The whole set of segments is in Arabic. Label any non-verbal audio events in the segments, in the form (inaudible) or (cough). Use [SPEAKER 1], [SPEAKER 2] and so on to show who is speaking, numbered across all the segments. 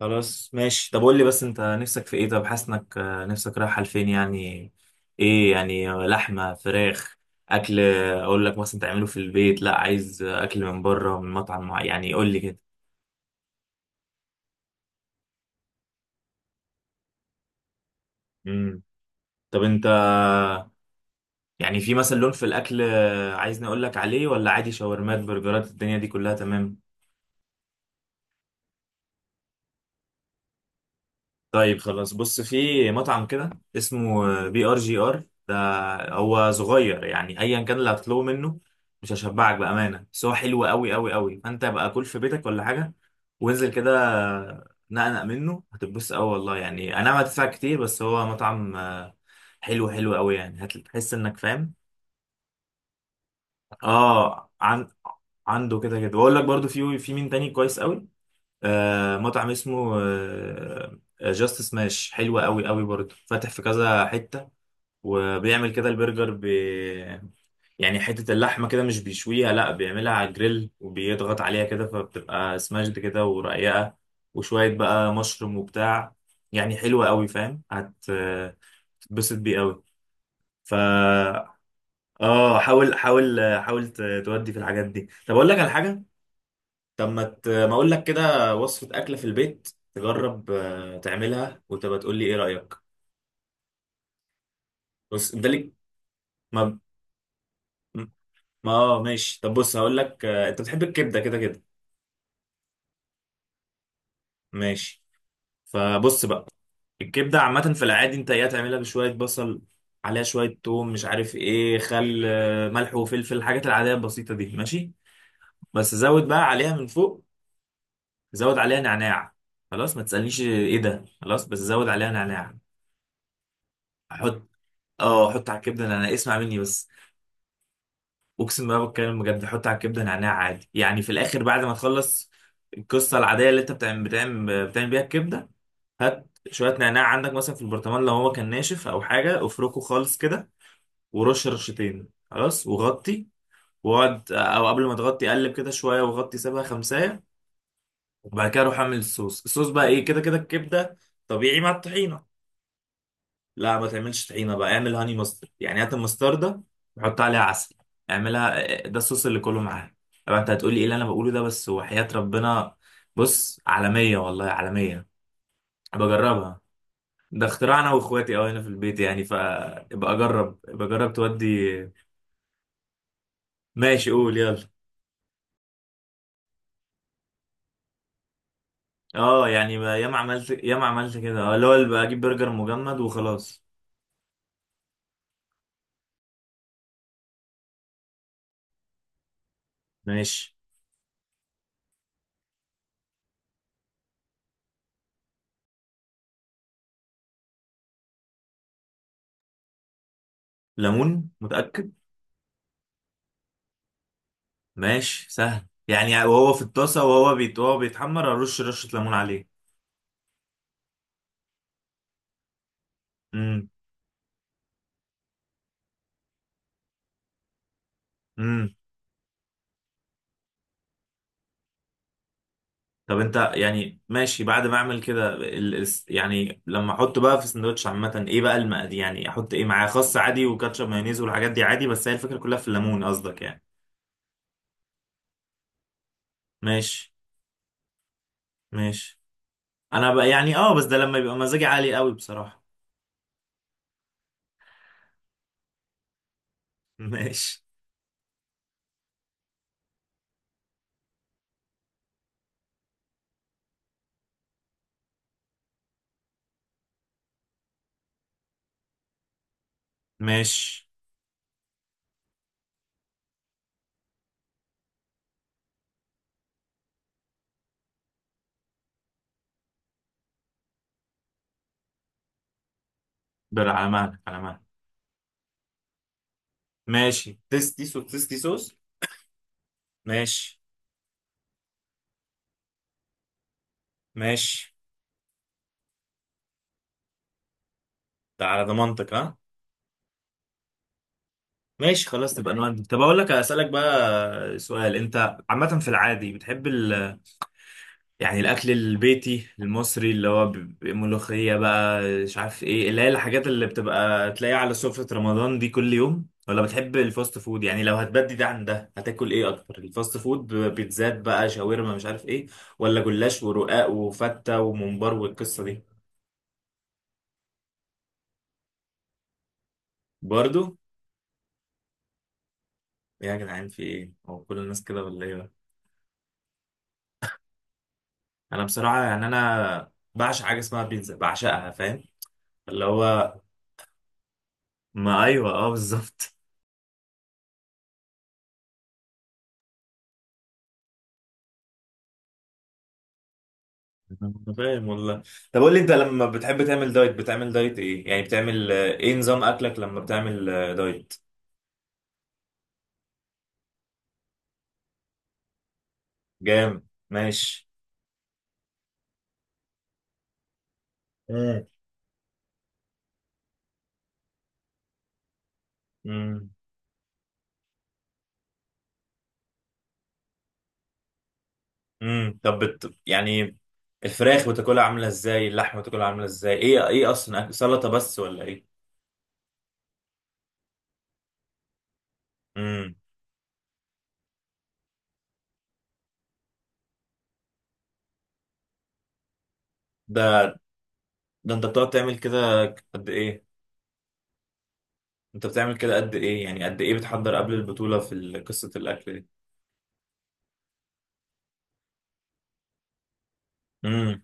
[SPEAKER 1] خلاص ماشي. طب قول لي بس انت نفسك في ايه؟ طب حاسس انك نفسك رايحه لفين يعني؟ ايه يعني؟ لحمه؟ فراخ؟ اكل اقول لك مثلا تعمله في البيت، لا عايز اكل من بره من مطعم معين؟ يعني قول لي كده. امم. طب انت، يعني في مثلا لون في الاكل عايزني اقول لك عليه، ولا عادي شاورمات برجرات الدنيا دي كلها تمام؟ طيب خلاص. بص في مطعم كده اسمه BRGR، ده هو صغير، يعني ايا كان اللي هتطلبه منه مش هشبعك بامانه، بس هو حلو قوي قوي قوي. فانت بقى كل في بيتك ولا حاجه، وانزل كده نقنق منه، هتتبسط قوي والله. يعني انا ما هتدفع كتير بس هو مطعم حلو، حلو قوي، يعني هتحس انك فاهم. اه، عنده كده كده، واقول لك برضو في مين تاني كويس قوي. مطعم اسمه جاست سماش، حلو قوي قوي برضه، فاتح في كذا حتة. وبيعمل كده البرجر يعني حتة اللحمة كده مش بيشويها، لا بيعملها على الجريل وبيضغط عليها كده، فبتبقى سماشد كده ورقيقة. وشوية بقى مشروم وبتاع، يعني حلوة قوي، فاهم؟ هتتبسط بيه قوي. فا اه، حاول حاول حاول تودي في الحاجات دي. طب اقول لك على حاجة. طب ما اقول لك كده وصفة أكلة في البيت، تجرب تعملها وتبقى تقول لي ايه رأيك. بص انت ليك. ما ما آه، ماشي. طب بص، هقول لك انت بتحب الكبدة كده كده. ماشي. فبص بقى. الكبدة عامة في العادي، انت ايه؟ تعملها بشوية بصل عليها شوية توم مش عارف ايه، خل آه، ملح وفلفل، الحاجات العادية البسيطة دي، ماشي. بس زود بقى عليها من فوق، زود عليها نعناع. خلاص، ما تسألنيش ايه ده، خلاص بس زود عليها نعناع. حط، اه، حط على الكبدة نعناع، اسمع مني بس. اقسم بالله بتكلم بجد. حط على الكبده نعناع عادي يعني، في الاخر بعد ما تخلص القصه العاديه اللي انت بتعمل بيها الكبده، هات شويه نعناع عندك مثلا في البرطمان، لو هو كان ناشف او حاجه افركه خالص كده، ورش رشتين، خلاص وغطي. واقعد، او قبل ما تغطي قلب كده شويه وغطي سيبها خمسايه. وبعد كده روح اعمل الصوص. الصوص بقى ايه؟ كده كده الكبده طبيعي مع الطحينه، لا ما تعملش طحينه بقى، اعمل هاني ماسترد، يعني هات المستردة وحط عليها عسل. اعملها، ده الصوص اللي كله معاها. طبعا انت هتقولي ايه اللي انا بقوله ده، بس وحياة ربنا، بص، عالمية والله، عالمية. بجربها. ده اختراع انا واخواتي، اه، هنا في البيت يعني، فابقى اجرب ابقى اجرب تودي. ماشي قول يلا. اه يعني ياما عملت ياما عملت كده، اه، اللي هو اللي بجيب برجر مجمد وخلاص. ماشي. ليمون؟ متأكد؟ ماشي، سهل يعني، وهو في الطاسه وهو بيت وهو بيتحمر، ارش رشه ليمون عليه. امم. امم. طب انت يعني ماشي، بعد ما اعمل كده يعني لما احطه بقى في سندوتش، عامه ايه بقى المقادير؟ يعني احط ايه معاه؟ خس عادي، وكاتشب، مايونيز، والحاجات دي عادي. بس هي الفكره كلها في الليمون قصدك يعني؟ ماشي. ماشي. انا بقى يعني، اه، بس ده لما يبقى مزاجي عالي قوي بصراحه. (laughs) ماشي. ماشي، على مهلك، على مهلك. ماشي، تيستي صوص، تيستي صوص. ماشي. ماشي. ده على ضمانتك، ها؟ ماشي خلاص، نبقى نودي. طب اقول لك، اسالك بقى سؤال، انت عامه في العادي بتحب يعني الاكل البيتي المصري اللي هو ملوخيه بقى، مش عارف ايه، اللي هي الحاجات اللي بتبقى تلاقيها على سفره رمضان دي كل يوم، ولا بتحب الفاست فود؟ يعني لو هتبدي ده عن ده، هتاكل ايه اكتر الفاست فود؟ بيتزات بقى، شاورما، مش عارف ايه، ولا جلاش ورقاق وفته وممبار والقصه دي؟ برضو إيه يا جدعان، في ايه؟ هو كل الناس كده ولا ايه؟ انا بصراحه يعني، انا بعشق حاجه اسمها بيتزا، بعشقها فاهم. اللي هو، ما ايوه، اه بالظبط. (laughs) أنا فاهم والله. طب قول لي، انت لما بتحب تعمل دايت بتعمل دايت ايه يعني؟ بتعمل ايه نظام اكلك لما بتعمل دايت؟ جام، ماشي. امم. امم. طب يعني، الفراخ بتاكلها عامله ازاي؟ اللحمه بتاكلها عامله ازاي؟ ايه اصلا أكل؟ سلطه بس، ولا ايه؟ امم، ده، ده انت بتقعد تعمل كده قد ايه؟ انت بتعمل كده قد ايه يعني؟ قد ايه بتحضر قبل البطولة في قصة الاكل دي؟ امم.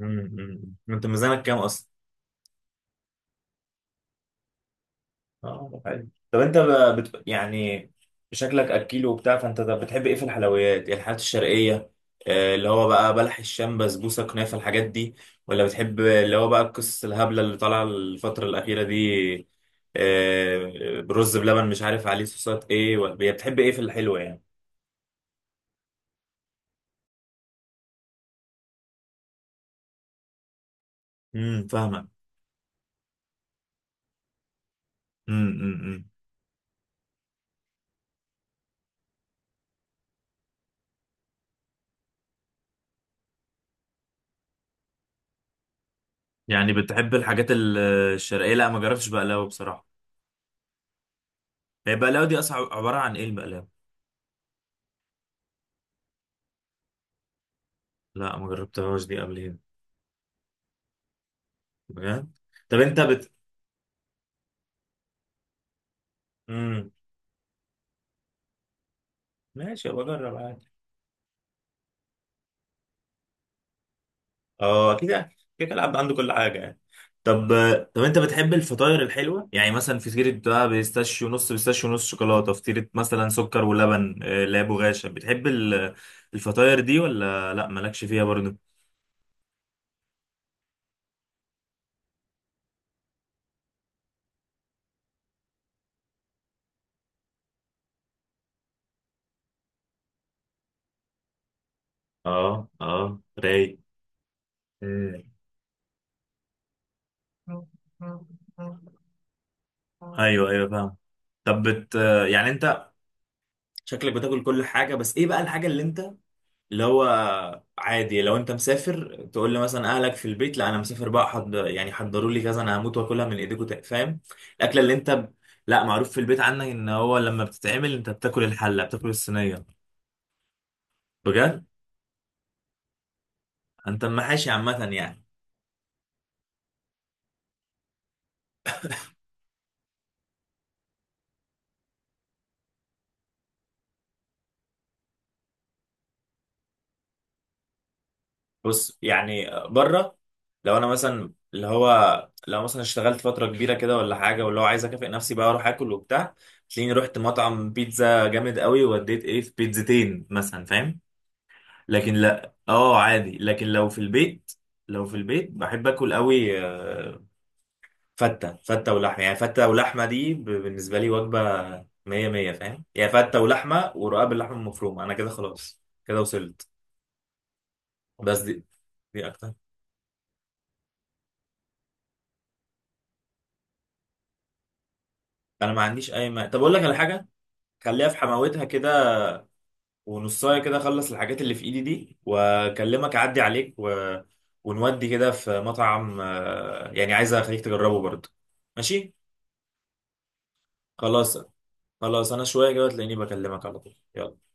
[SPEAKER 1] امم. انت ميزانك كام اصلا؟ اه حلو. طب انت يعني شكلك اكيل وبتاع، فانت ده بتحب ايه في الحلويات؟ يعني الحلويات الشرقية، اللي هو بقى بلح الشام، بسبوسة، كنافة، الحاجات دي، ولا بتحب اللي هو بقى القصص الهبلة اللي طالعة الفترة الأخيرة دي، برز بلبن مش عارف عليه صوصات ايه، بتحب ايه في الحلوة يعني؟ فاهمك. امم، امم. يعني بتحب الحاجات الشرقية. لا ما جربتش بقلاوة بصراحة. هي البقلاوة دي أصلا عبارة عن إيه البقلاوة؟ لا ما جربتهاش دي قبل هنا. بجد؟ طب أنت مم. ماشي أبقى أجرب عادي. أه أكيد يعني، كده كده العبد عنده كل حاجة يعني. طب طب أنت بتحب الفطاير الحلوة؟ يعني مثلا فطيرة بقى بيستاشيو، نص بيستاشيو نص شوكولاتة، فطيرة مثلا سكر ولبن، لا بغاشة، بتحب الفطاير دي، ولا لا، مالكش فيها برضه؟ أه أه، رايق. مم. ايوه ايوه، فاهم. طب يعني انت، شكلك بتاكل كل حاجه، بس ايه بقى الحاجه اللي انت، اللي هو، عادي لو انت مسافر تقول لي مثلا اهلك في البيت، لا انا مسافر بقى، يعني حضروا لي كذا، انا هموت واكلها من ايديكم، فاهم. الاكله اللي انت لا، معروف في البيت عنك ان هو لما بتتعمل انت بتاكل الحله، بتاكل الصينيه. بجد؟ انت محاشي عامه يعني؟ بص، يعني بره، لو انا مثلا اللي هو لو مثلا اشتغلت فتره كبيره كده ولا حاجه، واللي هو عايز اكافئ نفسي بقى اروح اكل وبتاع، تلاقيني رحت مطعم بيتزا جامد قوي، وديت ايه في بيتزتين مثلا فاهم. لكن لا، اه عادي، لكن لو في البيت، لو في البيت بحب اكل قوي، فته ولحمه، يعني فته ولحمه دي بالنسبه لي وجبه مية مية فاهم. يعني فته ولحمه ورقاب اللحمه المفرومه، انا كده خلاص، كده وصلت. بس دي، دي اكتر. انا ما عنديش اي ما طب اقول لك على حاجه. خليها في حماوتها كده، ونصايه كده اخلص الحاجات اللي في ايدي دي واكلمك اعدي عليك ونودي كده في مطعم يعني عايز اخليك تجربه برضه. ماشي. خلاص. خلاص انا شويه كده تلاقيني بكلمك على طول، يلا.